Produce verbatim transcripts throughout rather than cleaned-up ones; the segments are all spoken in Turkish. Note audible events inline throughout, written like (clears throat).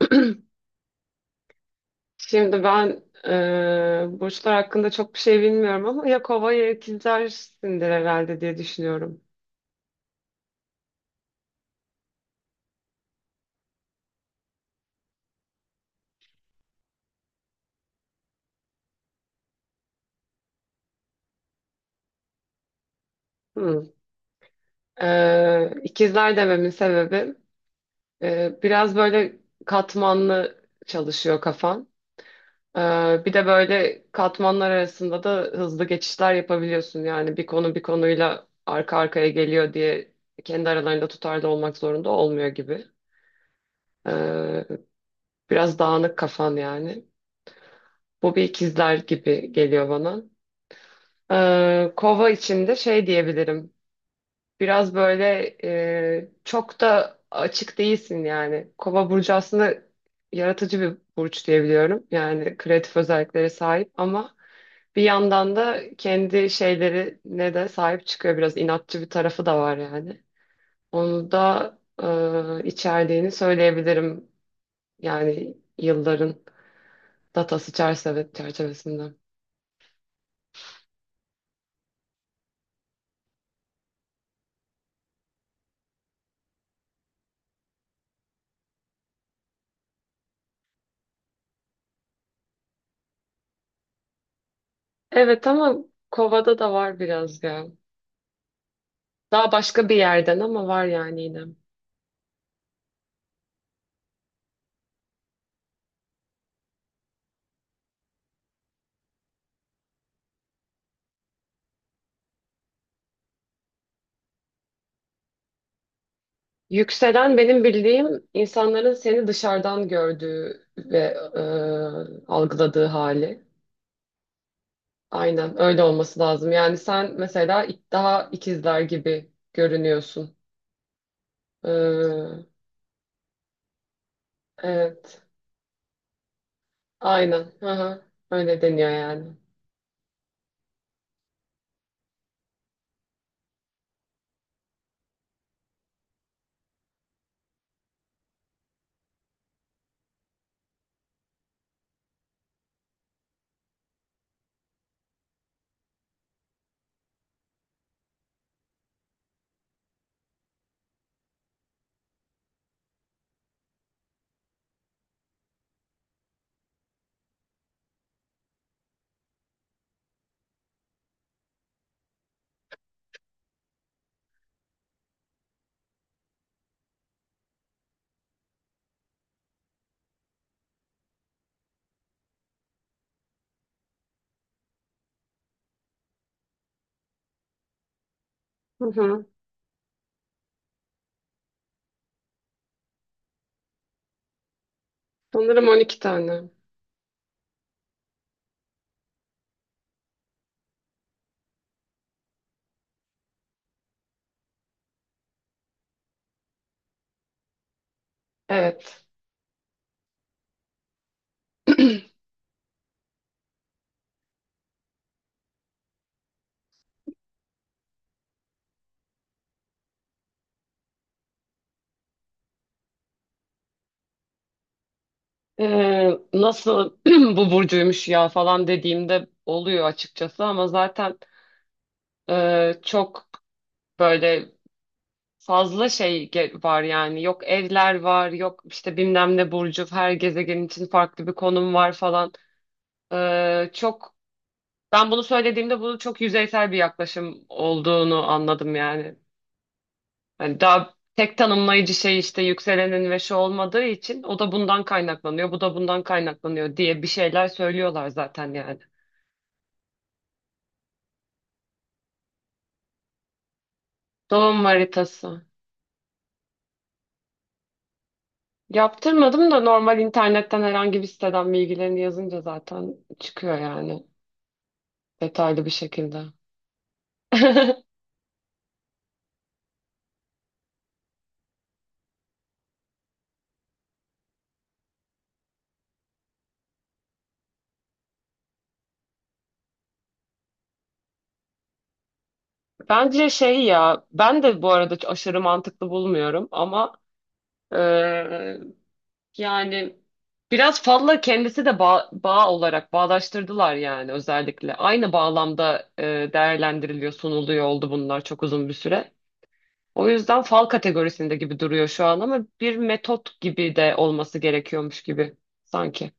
(clears throat) Şimdi ben e, burçlar hakkında çok bir şey bilmiyorum ama ya kova ya ikizlersindir herhalde diye düşünüyorum. Hmm. E, ikizler dememin sebebi, e, biraz böyle katmanlı çalışıyor kafan. E, bir de böyle katmanlar arasında da hızlı geçişler yapabiliyorsun. Yani bir konu bir konuyla arka arkaya geliyor diye kendi aralarında tutarlı olmak zorunda olmuyor gibi. E, biraz dağınık kafan yani. Bu bir ikizler gibi geliyor bana. Ee, kova içinde şey diyebilirim. Biraz böyle, e, çok da açık değilsin yani. Kova burcu aslında yaratıcı bir burç diyebiliyorum. Yani kreatif özelliklere sahip ama bir yandan da kendi şeylerine de sahip çıkıyor. Biraz inatçı bir tarafı da var yani. Onu da e, içerdiğini söyleyebilirim. Yani yılların datası çerçeve çerçevesinde. Evet ama Kova'da da var biraz ya. Daha başka bir yerden ama var yani yine. Yükselen benim bildiğim insanların seni dışarıdan gördüğü ve e, algıladığı hali. Aynen öyle olması lazım. Yani sen mesela ik- daha ikizler gibi görünüyorsun. E, evet. Aynen. Hı hı. Öyle deniyor yani. Hı hı. Sanırım on iki tane. Evet. (clears throat) Ee, nasıl (clears throat) bu burcuymuş ya falan dediğimde oluyor açıkçası ama zaten, e, çok böyle fazla şey ge- var yani. Yok evler var, yok işte bilmem ne burcu, her gezegen için farklı bir konum var falan. Ee, çok Ben bunu söylediğimde bunu çok yüzeysel bir yaklaşım olduğunu anladım yani. Hani daha tek tanımlayıcı şey işte yükselenin ve şu olmadığı için o da bundan kaynaklanıyor, bu da bundan kaynaklanıyor diye bir şeyler söylüyorlar zaten yani. Doğum haritası. Yaptırmadım da normal internetten herhangi bir siteden bilgilerini yazınca zaten çıkıyor yani, detaylı bir şekilde. (laughs) Bence şey, ya ben de bu arada aşırı mantıklı bulmuyorum ama eee, yani biraz fazla kendisi de bağ, bağ olarak bağdaştırdılar yani, özellikle. Aynı bağlamda eee, değerlendiriliyor, sunuluyor oldu bunlar çok uzun bir süre. O yüzden fal kategorisinde gibi duruyor şu an ama bir metot gibi de olması gerekiyormuş gibi sanki.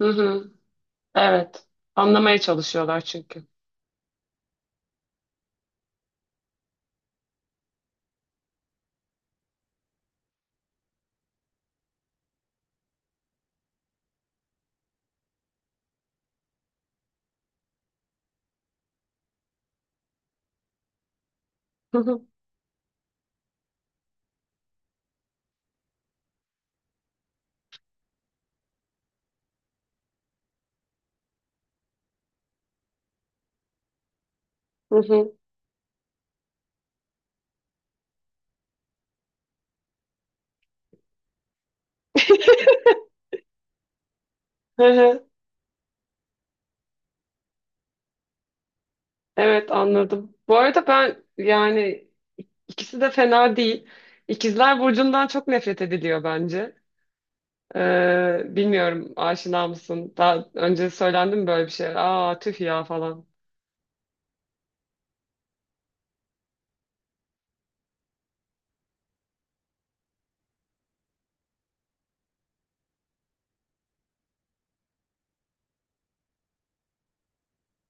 Hı hı. Evet. Anlamaya çalışıyorlar çünkü. Hı hı. Hı hı. Hı hı. Evet, anladım. Bu arada ben yani ikisi de fena değil. İkizler Burcu'ndan çok nefret ediliyor bence. Ee, bilmiyorum, aşina mısın? Daha önce söylendi mi böyle bir şey? Aa, tüh ya falan.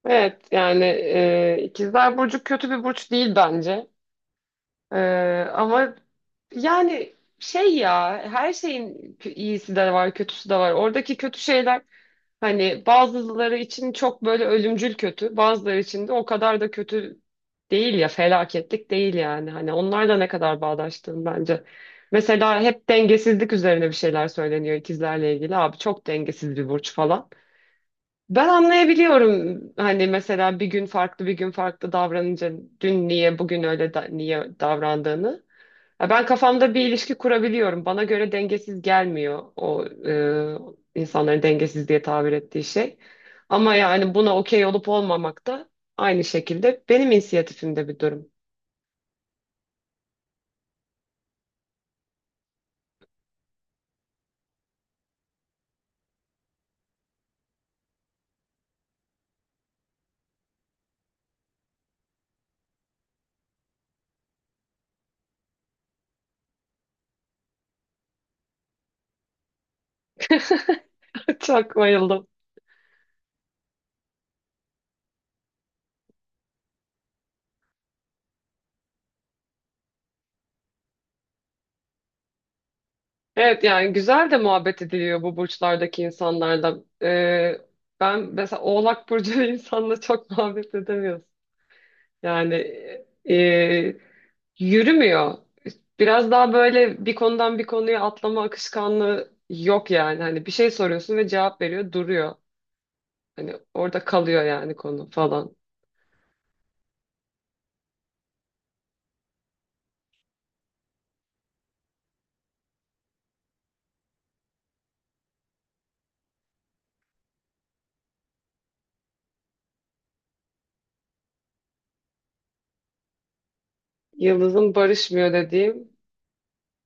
Evet yani, e, İkizler Burcu kötü bir burç değil bence. Ee, ama yani şey ya, her şeyin p- iyisi de var, kötüsü de var. Oradaki kötü şeyler hani bazıları için çok böyle ölümcül kötü, bazıları için de o kadar da kötü değil ya, felaketlik değil yani. Hani onlarla ne kadar bağdaştığım bence. Mesela hep dengesizlik üzerine bir şeyler söyleniyor ikizlerle ilgili. Abi çok dengesiz bir burç falan. Ben anlayabiliyorum hani, mesela bir gün farklı bir gün farklı davranınca, dün niye bugün öyle da- niye davrandığını. Ya ben kafamda bir ilişki kurabiliyorum. Bana göre dengesiz gelmiyor o e, insanların dengesiz diye tabir ettiği şey. Ama yani buna okey olup olmamak da aynı şekilde benim inisiyatifimde bir durum. (laughs) Çok bayıldım. Evet yani güzel de muhabbet ediliyor bu burçlardaki insanlarla. E, Ben mesela Oğlak Burcu (laughs) insanla çok muhabbet edemiyorum. Yani e, yürümüyor. Biraz daha böyle bir konudan bir konuya atlama akışkanlığı yok yani. Hani bir şey soruyorsun ve cevap veriyor, duruyor. Hani orada kalıyor yani konu falan. Yıldız'ın barışmıyor dediğim.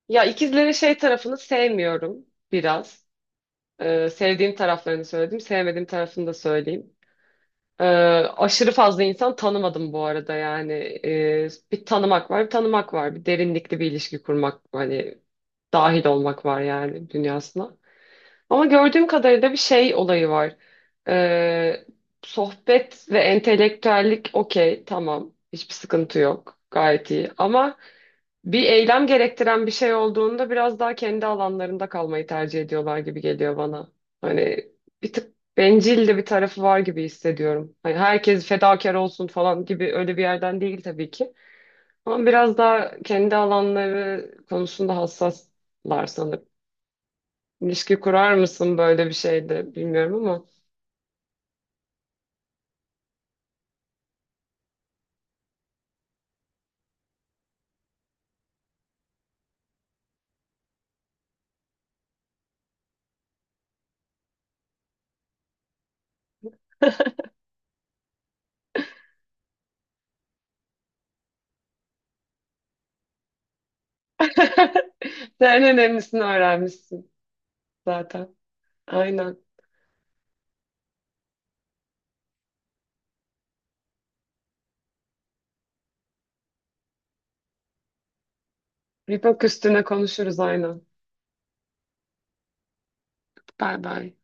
Ya ikizlerin şey tarafını sevmiyorum biraz. Ee, sevdiğim taraflarını söyledim, sevmediğim tarafını da söyleyeyim. Ee, Aşırı fazla insan tanımadım bu arada yani. Ee, bir tanımak var, bir tanımak var. Bir derinlikli bir ilişki kurmak, hani dahil olmak var yani dünyasına. Ama gördüğüm kadarıyla bir şey olayı var. Ee, Sohbet ve entelektüellik okey, tamam. Hiçbir sıkıntı yok. Gayet iyi. Ama bir eylem gerektiren bir şey olduğunda biraz daha kendi alanlarında kalmayı tercih ediyorlar gibi geliyor bana. Hani bir tık bencil de bir tarafı var gibi hissediyorum. Hani herkes fedakar olsun falan gibi öyle bir yerden değil tabii ki. Ama biraz daha kendi alanları konusunda hassaslar sanırım. İlişki kurar mısın böyle bir şeyde bilmiyorum ama. (laughs) Sen en önemlisini öğrenmişsin zaten. Aynen. Bir bak, üstüne konuşuruz aynen. Bay bay.